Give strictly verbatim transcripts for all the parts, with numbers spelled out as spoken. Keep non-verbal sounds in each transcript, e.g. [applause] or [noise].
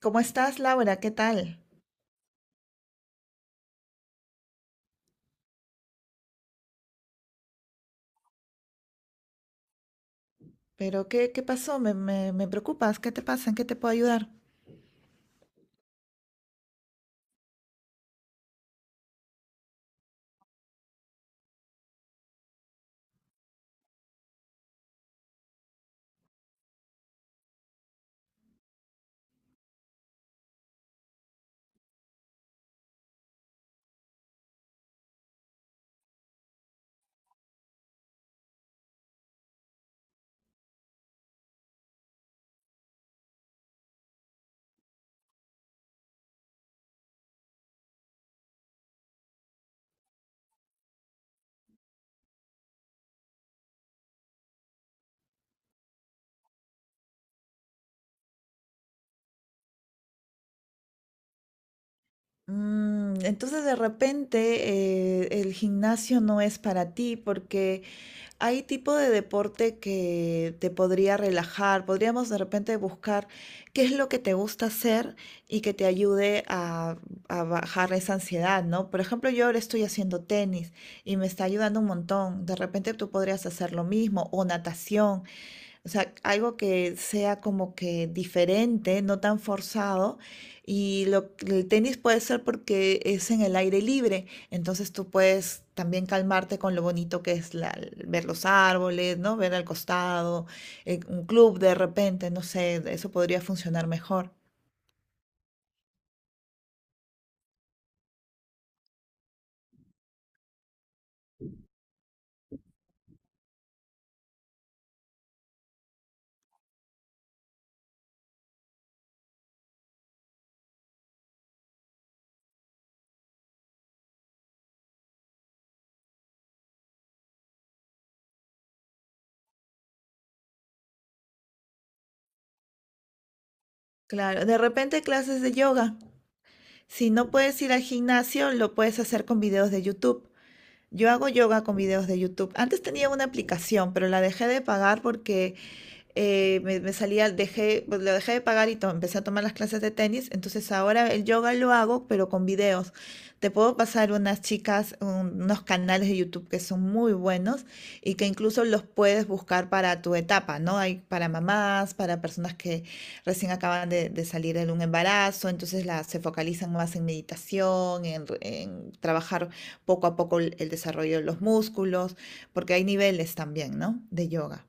¿Cómo estás, Laura? ¿Qué tal? ¿Pero qué, qué pasó? Me, me- me preocupas. ¿Qué te pasa? ¿En qué te puedo ayudar? Mm, entonces, de repente, eh, el gimnasio no es para ti porque hay tipo de deporte que te podría relajar. Podríamos de repente buscar qué es lo que te gusta hacer y que te ayude a, a bajar esa ansiedad, ¿no? Por ejemplo, yo ahora estoy haciendo tenis y me está ayudando un montón. De repente tú podrías hacer lo mismo o natación. O sea, algo que sea como que diferente, no tan forzado. Y lo, el tenis puede ser porque es en el aire libre, entonces tú puedes también calmarte con lo bonito que es la- ver los árboles, ¿no? Ver al costado, eh, un club de repente, no sé, eso podría funcionar mejor. Claro, de repente clases de yoga. Si no puedes ir al gimnasio, lo puedes hacer con videos de YouTube. Yo hago yoga con videos de YouTube. Antes tenía una aplicación, pero la dejé de pagar porque eh, me, me salía, dejé, pues, lo dejé de pagar y to- empecé a tomar las clases de tenis. Entonces ahora el yoga lo hago, pero con videos. Te puedo pasar unas chicas, un- unos canales de YouTube que son muy buenos y que incluso los puedes buscar para tu etapa, ¿no? Hay para mamás, para personas que recién acaban de, de salir de un embarazo, entonces las se focalizan más en meditación, en, en trabajar poco a poco el el desarrollo de los músculos, porque hay niveles también, ¿no? De yoga.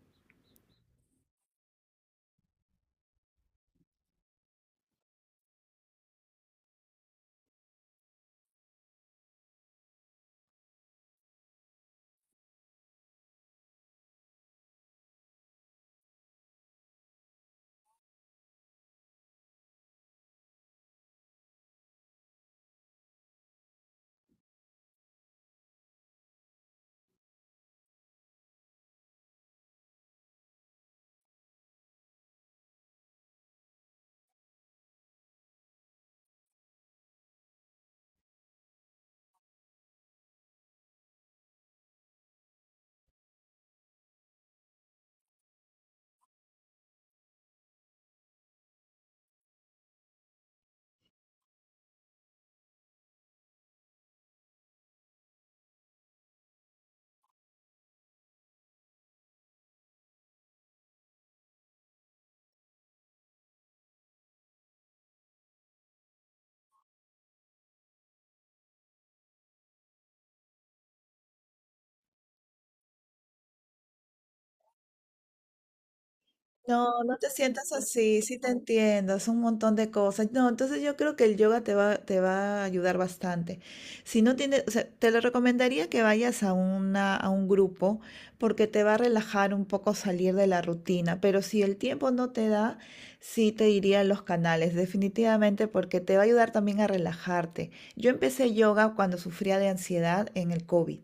No, no te sientas así, sí te entiendo, es un montón de cosas. No, entonces yo creo que el yoga te va, te va a ayudar bastante. Si no tienes, o sea, te lo recomendaría que vayas a una, a un grupo porque te va a relajar un poco salir de la rutina, pero si el tiempo no te da, sí te diría los canales, definitivamente, porque te va a ayudar también a relajarte. Yo empecé yoga cuando sufría de ansiedad en el COVID.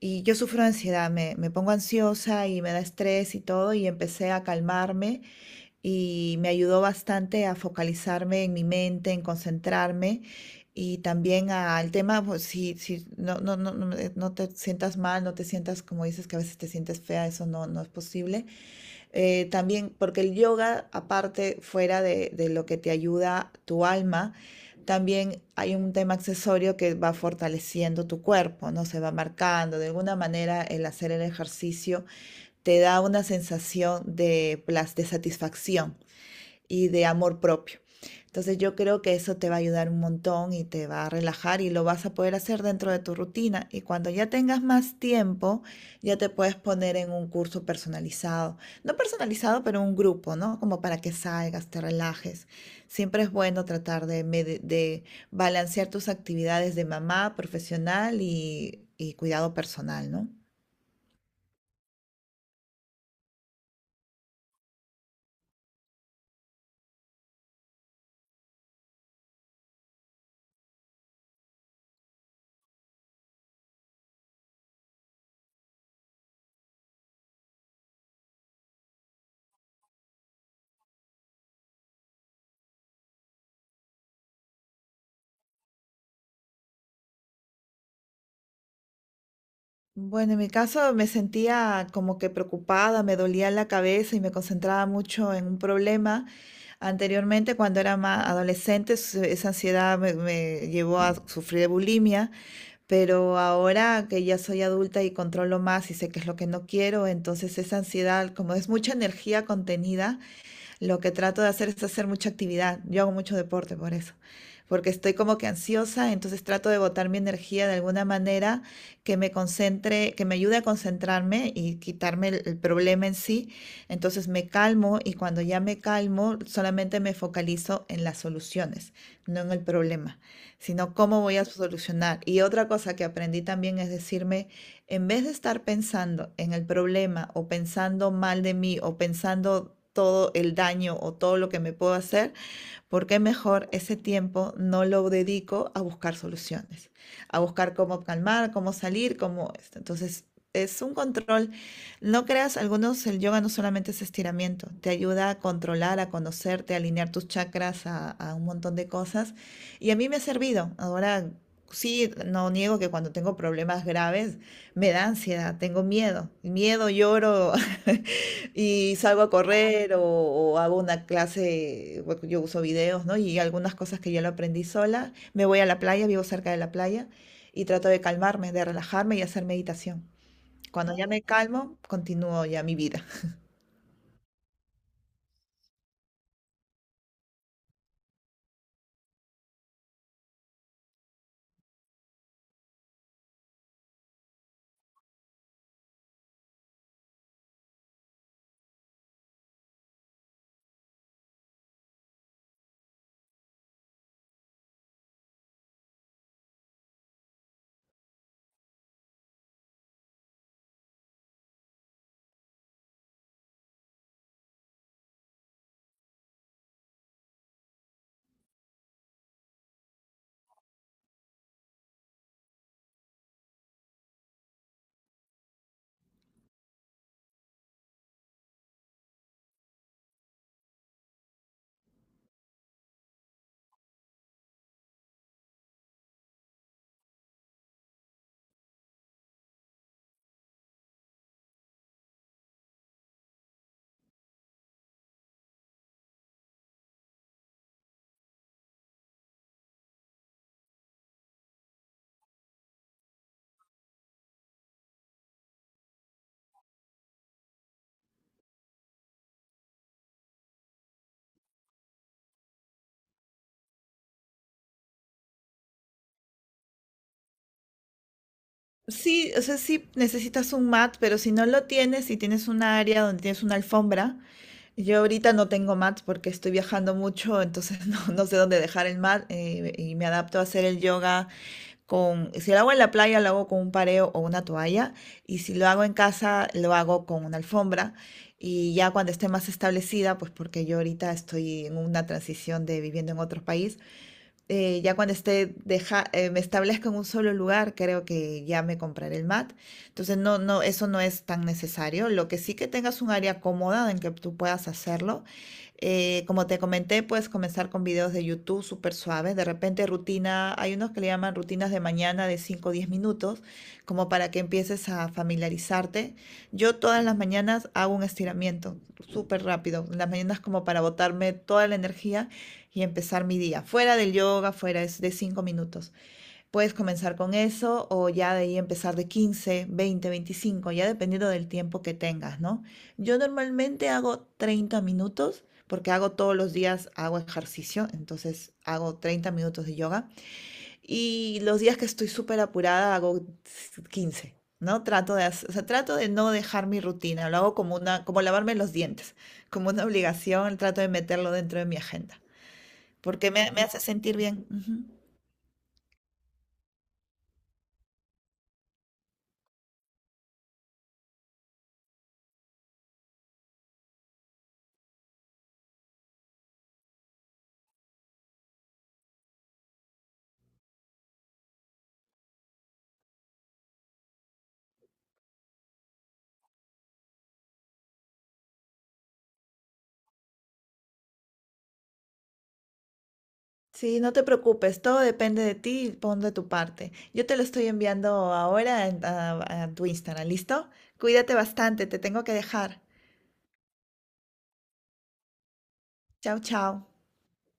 Y yo sufro de ansiedad, me, me pongo ansiosa y me da estrés y todo, y empecé a calmarme y me ayudó bastante a focalizarme en mi mente, en concentrarme y también a- al tema, pues, si, si no, no, no, no eh, no te sientas mal, no te sientas como dices que a veces te sientes fea, eso no, no es posible. Eh, también, porque el yoga, aparte, fuera de, de lo que te ayuda tu alma, también hay un tema accesorio que va fortaleciendo tu cuerpo, ¿no? Se va marcando. De alguna manera, el hacer el ejercicio te da una sensación de, plas- de satisfacción y de amor propio. Entonces yo creo que eso te va a ayudar un montón y te va a relajar y lo vas a poder hacer dentro de tu rutina. Y cuando ya tengas más tiempo, ya te puedes poner en un curso personalizado. No personalizado, pero un grupo, ¿no? Como para que salgas, te relajes. Siempre es bueno tratar de, de balancear tus actividades de mamá, profesional y, y cuidado personal, ¿no? Bueno, en mi caso me sentía como que preocupada, me dolía la cabeza y me concentraba mucho en un problema. Anteriormente, cuando era más adolescente, s- esa ansiedad me, me llevó a sufrir de bulimia, pero ahora que ya soy adulta y controlo más y sé qué es lo que no quiero, entonces esa ansiedad, como es mucha energía contenida, lo que trato de hacer es hacer mucha actividad. Yo hago mucho deporte por eso, porque estoy como que ansiosa, entonces trato de botar mi energía de alguna manera que me concentre, que me ayude a concentrarme y quitarme el, el problema en sí. Entonces me calmo y cuando ya me calmo, solamente me focalizo en las soluciones, no en el problema, sino cómo voy a solucionar. Y otra cosa que aprendí también es decirme, en vez de estar pensando en el problema o pensando mal de mí o pensando todo el daño o todo lo que me puedo hacer, porque mejor ese tiempo no lo dedico a buscar soluciones, a buscar cómo calmar, cómo salir, cómo esto. Entonces, es un control. No creas, algunos, el yoga no solamente es estiramiento, te ayuda a controlar, a conocerte, a alinear tus chakras, a, a, un montón de cosas. Y a mí me ha servido. Ahora sí, no niego que cuando tengo problemas graves me da ansiedad, tengo miedo. Miedo, lloro, y salgo a correr o, o hago una clase, bueno, yo uso videos, ¿no? Y algunas cosas que yo lo aprendí sola. Me voy a la playa, vivo cerca de la playa, y trato de calmarme, de relajarme y hacer meditación. Cuando ya me calmo, continúo ya mi vida. Sí, o sea, sí necesitas un mat, pero si no lo tienes, si tienes un área donde tienes una alfombra, yo ahorita no tengo mat porque estoy viajando mucho, entonces [laughs] no, no sé dónde dejar el mat eh, y me adapto a hacer el yoga con, si lo hago en la playa, lo hago con un pareo o una toalla, y si lo hago en casa, lo hago con una alfombra. Y ya cuando esté más establecida, pues porque yo ahorita estoy en una transición de viviendo en otro país, eh, ya cuando esté deja, eh, me establezco en un solo lugar, creo que ya me compraré el mat. Entonces, no, no, eso no es tan necesario. Lo que sí que tengas un área cómoda en que tú puedas hacerlo. Eh, como te comenté, puedes comenzar con videos de YouTube súper suaves. De repente, rutina, hay unos que le llaman rutinas de mañana de cinco o diez minutos, como para que empieces a familiarizarte. Yo todas las mañanas hago un estiramiento súper rápido. Las mañanas como para botarme toda la energía y empezar mi día. Fuera del yoga, fuera es de cinco minutos. Puedes comenzar con eso o ya de ahí empezar de quince veinte veinticinco ya dependiendo del tiempo que tengas, ¿no? Yo normalmente hago treinta minutos porque hago todos los días, hago ejercicio, entonces hago treinta minutos de yoga y los días que estoy súper apurada hago quince, ¿no? Trato de, hacer, o sea, trato de no dejar mi rutina, lo hago como, una, como lavarme los dientes, como una obligación, trato de meterlo dentro de mi agenda porque me, me hace sentir bien. Ujú. Sí, no te preocupes, todo depende de ti, y pon de tu parte. Yo te lo estoy enviando ahora en- a, a tu Instagram, ¿listo? Cuídate bastante, te tengo que dejar. Chao, chao.